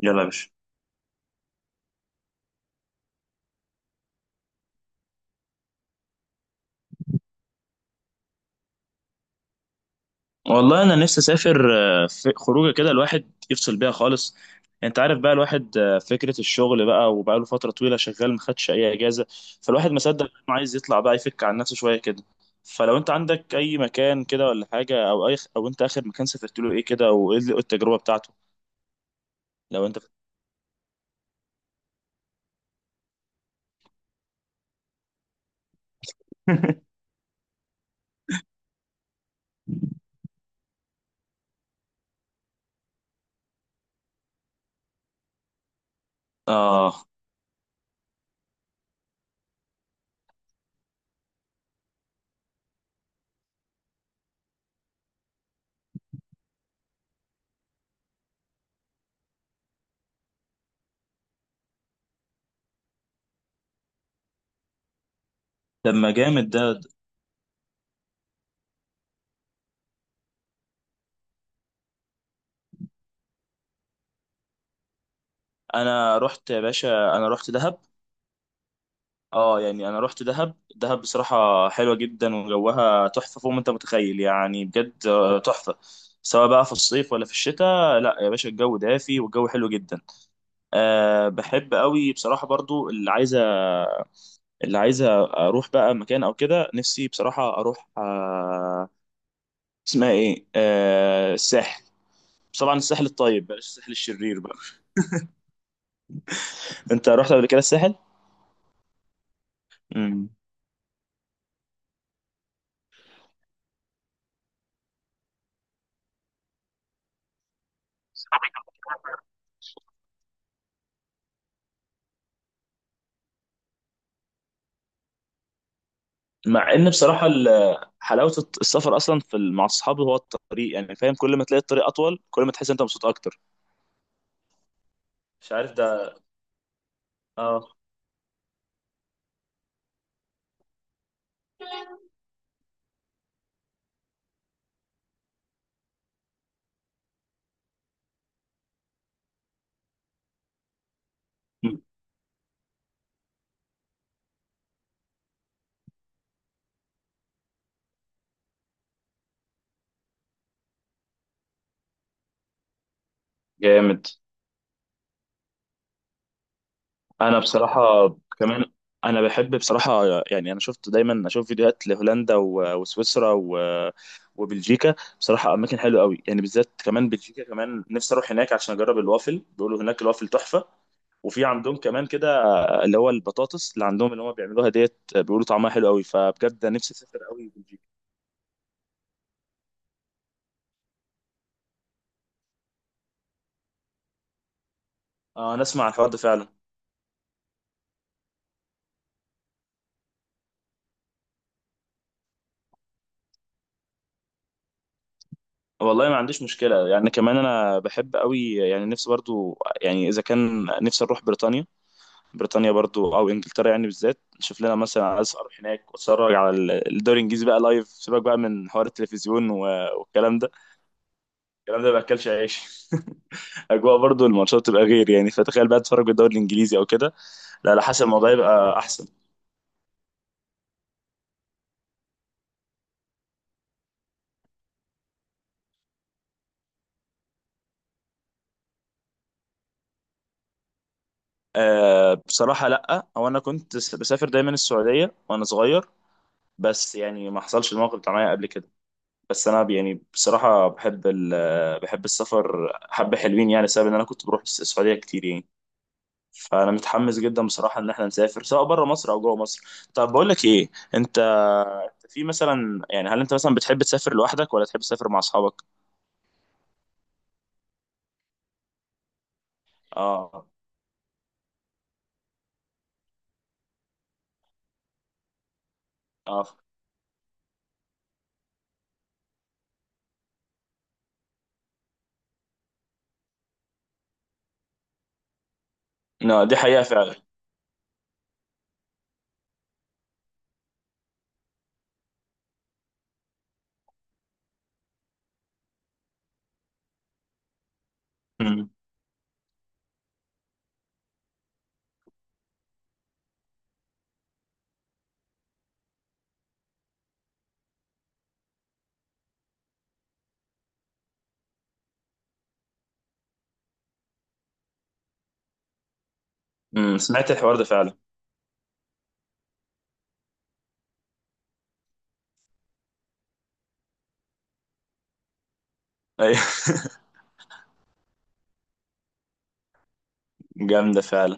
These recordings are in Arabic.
يلا يا باشا. والله انا نفسي اسافر. في خروجه كده الواحد يفصل بيها خالص. انت عارف بقى الواحد فكره الشغل بقى، وبقى له فتره طويله شغال ما خدش اي اجازه. فالواحد ما صدق انه عايز يطلع بقى يفك عن نفسه شويه كده. فلو انت عندك اي مكان كده ولا حاجه، او انت اخر مكان سافرت له ايه كده، وايه التجربه بتاعته؟ لو انت. اه. لما جامد ده. انا رحت يا باشا. انا رحت دهب. اه، يعني انا رحت دهب. دهب بصراحه حلوه جدا، وجوها تحفه فوق ما انت متخيل، يعني بجد تحفه. سواء بقى في الصيف ولا في الشتاء، لا يا باشا الجو دافي والجو حلو جدا. بحب قوي بصراحه، برضو اللي عايزه اروح بقى مكان او كده، نفسي بصراحه اروح، اسمها ايه، الساحل. طبعا الساحل الطيب، بلاش الساحل الشرير بقى. انت رحت قبل كده الساحل؟ امم. مع ان بصراحه حلاوه السفر اصلا مع الصحاب هو الطريق، يعني فاهم، كل ما تلاقي الطريق اطول كل ما تحس انت مبسوط اكتر. مش عارف ده. اه. جامد. انا بصراحه. كمان. انا بحب بصراحه. يعني انا شفت، دايما اشوف فيديوهات لهولندا وسويسرا وبلجيكا، بصراحه اماكن حلوه قوي يعني، بالذات كمان بلجيكا، كمان نفسي اروح هناك عشان اجرب الوافل، بيقولوا هناك الوافل تحفه. وفي عندهم كمان كده، اللي هو البطاطس اللي عندهم، اللي هم بيعملوها ديت، بيقولوا طعمها حلو قوي، فبجد نفسي اسافر قوي بلجيكا. اه انا اسمع الحوار ده فعلا. والله ما عنديش مشكله، يعني كمان انا بحب قوي يعني، نفسي برضو يعني، اذا كان نفسي اروح بريطانيا. بريطانيا برضو او انجلترا، يعني بالذات نشوف لنا مثلا، عايز اروح هناك واتفرج على الدوري الانجليزي بقى لايف، سيبك بقى من حوار التلفزيون والكلام ده، الكلام ده ما باكلش عيش. اجواء برضو الماتشات تبقى غير، يعني فتخيل بقى تتفرج بالدوري الانجليزي او كده. لا، لا، حسب الموضوع يبقى احسن. بصراحه لا، هو انا كنت بسافر دايما السعوديه وانا صغير. بس يعني ما حصلش الموقف بتاع معايا قبل كده. بس انا يعني بصراحه بحب السفر حبه حلوين، يعني بسبب ان انا كنت بروح السعوديه كتير يعني. فانا متحمس جدا بصراحه ان احنا نسافر سواء بره مصر او جوه مصر. طب بقول لك ايه، انت في مثلا، يعني هل انت مثلا بتحب تسافر لوحدك ولا تحب تسافر مع اصحابك؟ اه. اه. لا دي حقيقه فعلا. امم. سمعت الحوار ده فعلا. ايوه. جامده فعلا.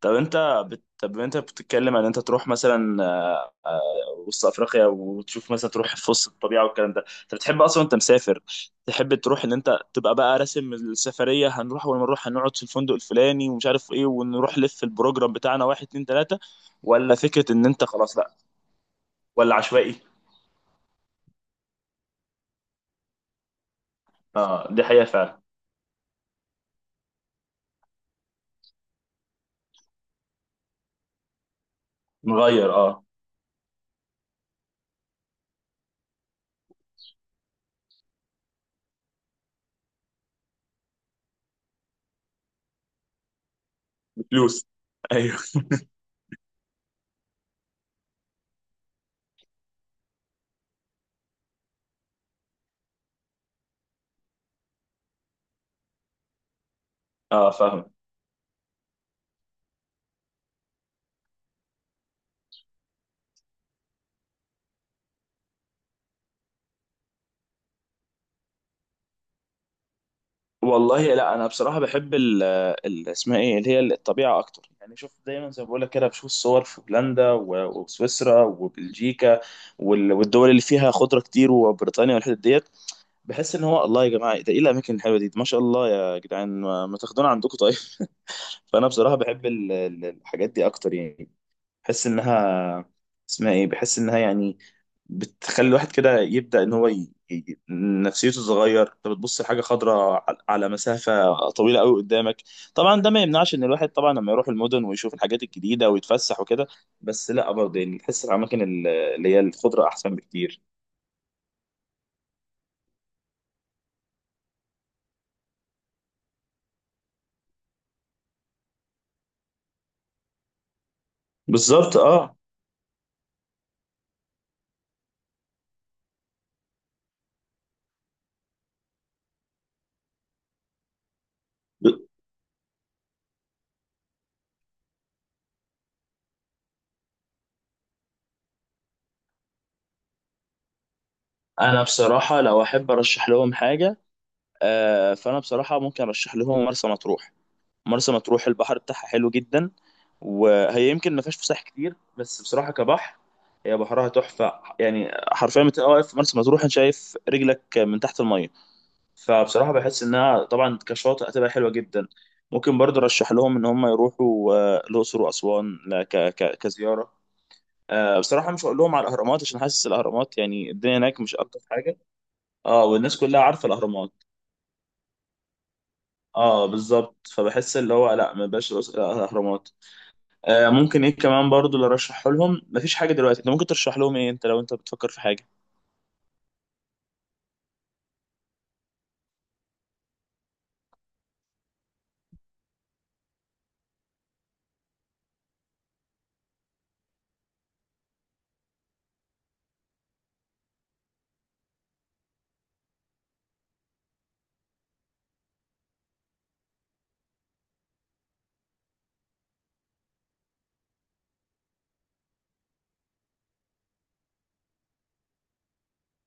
طب انت. طب انت بتتكلم عن انت تروح مثلا، وسط افريقيا وتشوف مثلا، تروح في وسط الطبيعه والكلام ده، انت بتحب اصلا انت مسافر تحب تروح، ان انت تبقى بقى راسم السفريه، هنروح اول ما نروح هنقعد في الفندق الفلاني ومش عارف ايه، ونروح لف البروجرام بتاعنا، واحد اتنين تلاته، ولا فكره ان انت خلاص لا، ولا عشوائي؟ اه دي حقيقه فعلا. نغير اه. بفلوس. ايوه. اه فاهم. والله لا، انا بصراحه بحب اسمها ايه، اللي هي الطبيعه اكتر، يعني شوف، دايما زي ما بقول لك كده، بشوف الصور في هولندا وسويسرا وبلجيكا والدول اللي فيها خضره كتير، وبريطانيا والحتت ديت، بحس ان هو الله، يا جماعه ده ايه الاماكن الحلوه دي، ما شاء الله، يا جدعان ما تاخدونا عندكم طيب. فانا بصراحه بحب الحاجات دي اكتر يعني، بحس انها، اسمها ايه، بحس انها يعني بتخلي الواحد كده يبدأ ان هو نفسيته تتغير، انت بتبص لحاجه خضراء على مسافه طويله قوي قدامك. طبعا ده ما يمنعش ان الواحد طبعا لما يروح المدن ويشوف الحاجات الجديده ويتفسح وكده، بس لا برضه يعني، تحس الاماكن اللي هي الخضره احسن بكتير. بالظبط اه. انا بصراحه لو احب ارشح لهم حاجه، فانا بصراحه ممكن ارشح لهم مرسى مطروح. مرسى مطروح البحر بتاعها حلو جدا، وهي يمكن ما فيهاش فسح كتير، بس بصراحه كبحر هي بحرها تحفه، يعني حرفيا بتبقى واقف في مرسى مطروح انت شايف رجلك من تحت الميه. فبصراحه بحس انها طبعا كشاطئ هتبقى حلوه جدا. ممكن برضه ارشح لهم ان هم يروحوا الاقصر واسوان ل- ك ك كزياره. بصراحه مش هقول لهم على الاهرامات، عشان حاسس الاهرامات يعني الدنيا هناك مش الطف حاجه. اه والناس كلها عارفه الاهرامات. اه بالظبط، فبحس اللي هو لا، ما بقاش الاهرامات. ممكن ايه كمان برضو اللي ارشحه لهم، مفيش حاجه دلوقتي، انت ممكن ترشح لهم ايه، انت لو انت بتفكر في حاجه؟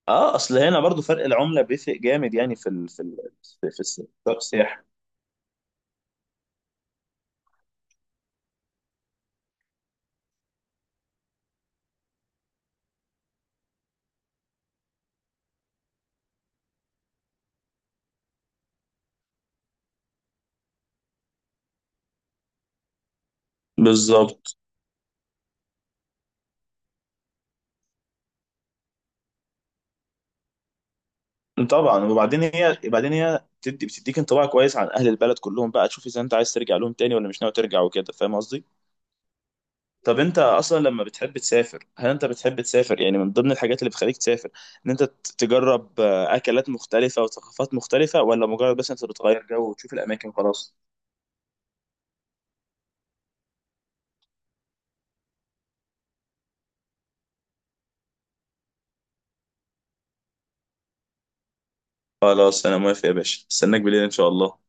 اه اصل هنا برضو فرق العمله بيفرق جامد، يعني في السوق، السياحه. بالظبط. طبعا، وبعدين هي، بعدين هي بتديك انطباع كويس عن اهل البلد كلهم بقى، تشوف اذا انت عايز ترجع لهم تاني ولا مش ناوي ترجع وكده، فاهم قصدي؟ طب انت اصلا لما بتحب تسافر، هل انت بتحب تسافر يعني من ضمن الحاجات اللي بتخليك تسافر، ان انت تجرب اكلات مختلفه وثقافات مختلفه، ولا مجرد بس انت بتغير جو وتشوف الاماكن وخلاص؟ خلاص انا موافق يا باشا، استناك بالليل ان شاء الله.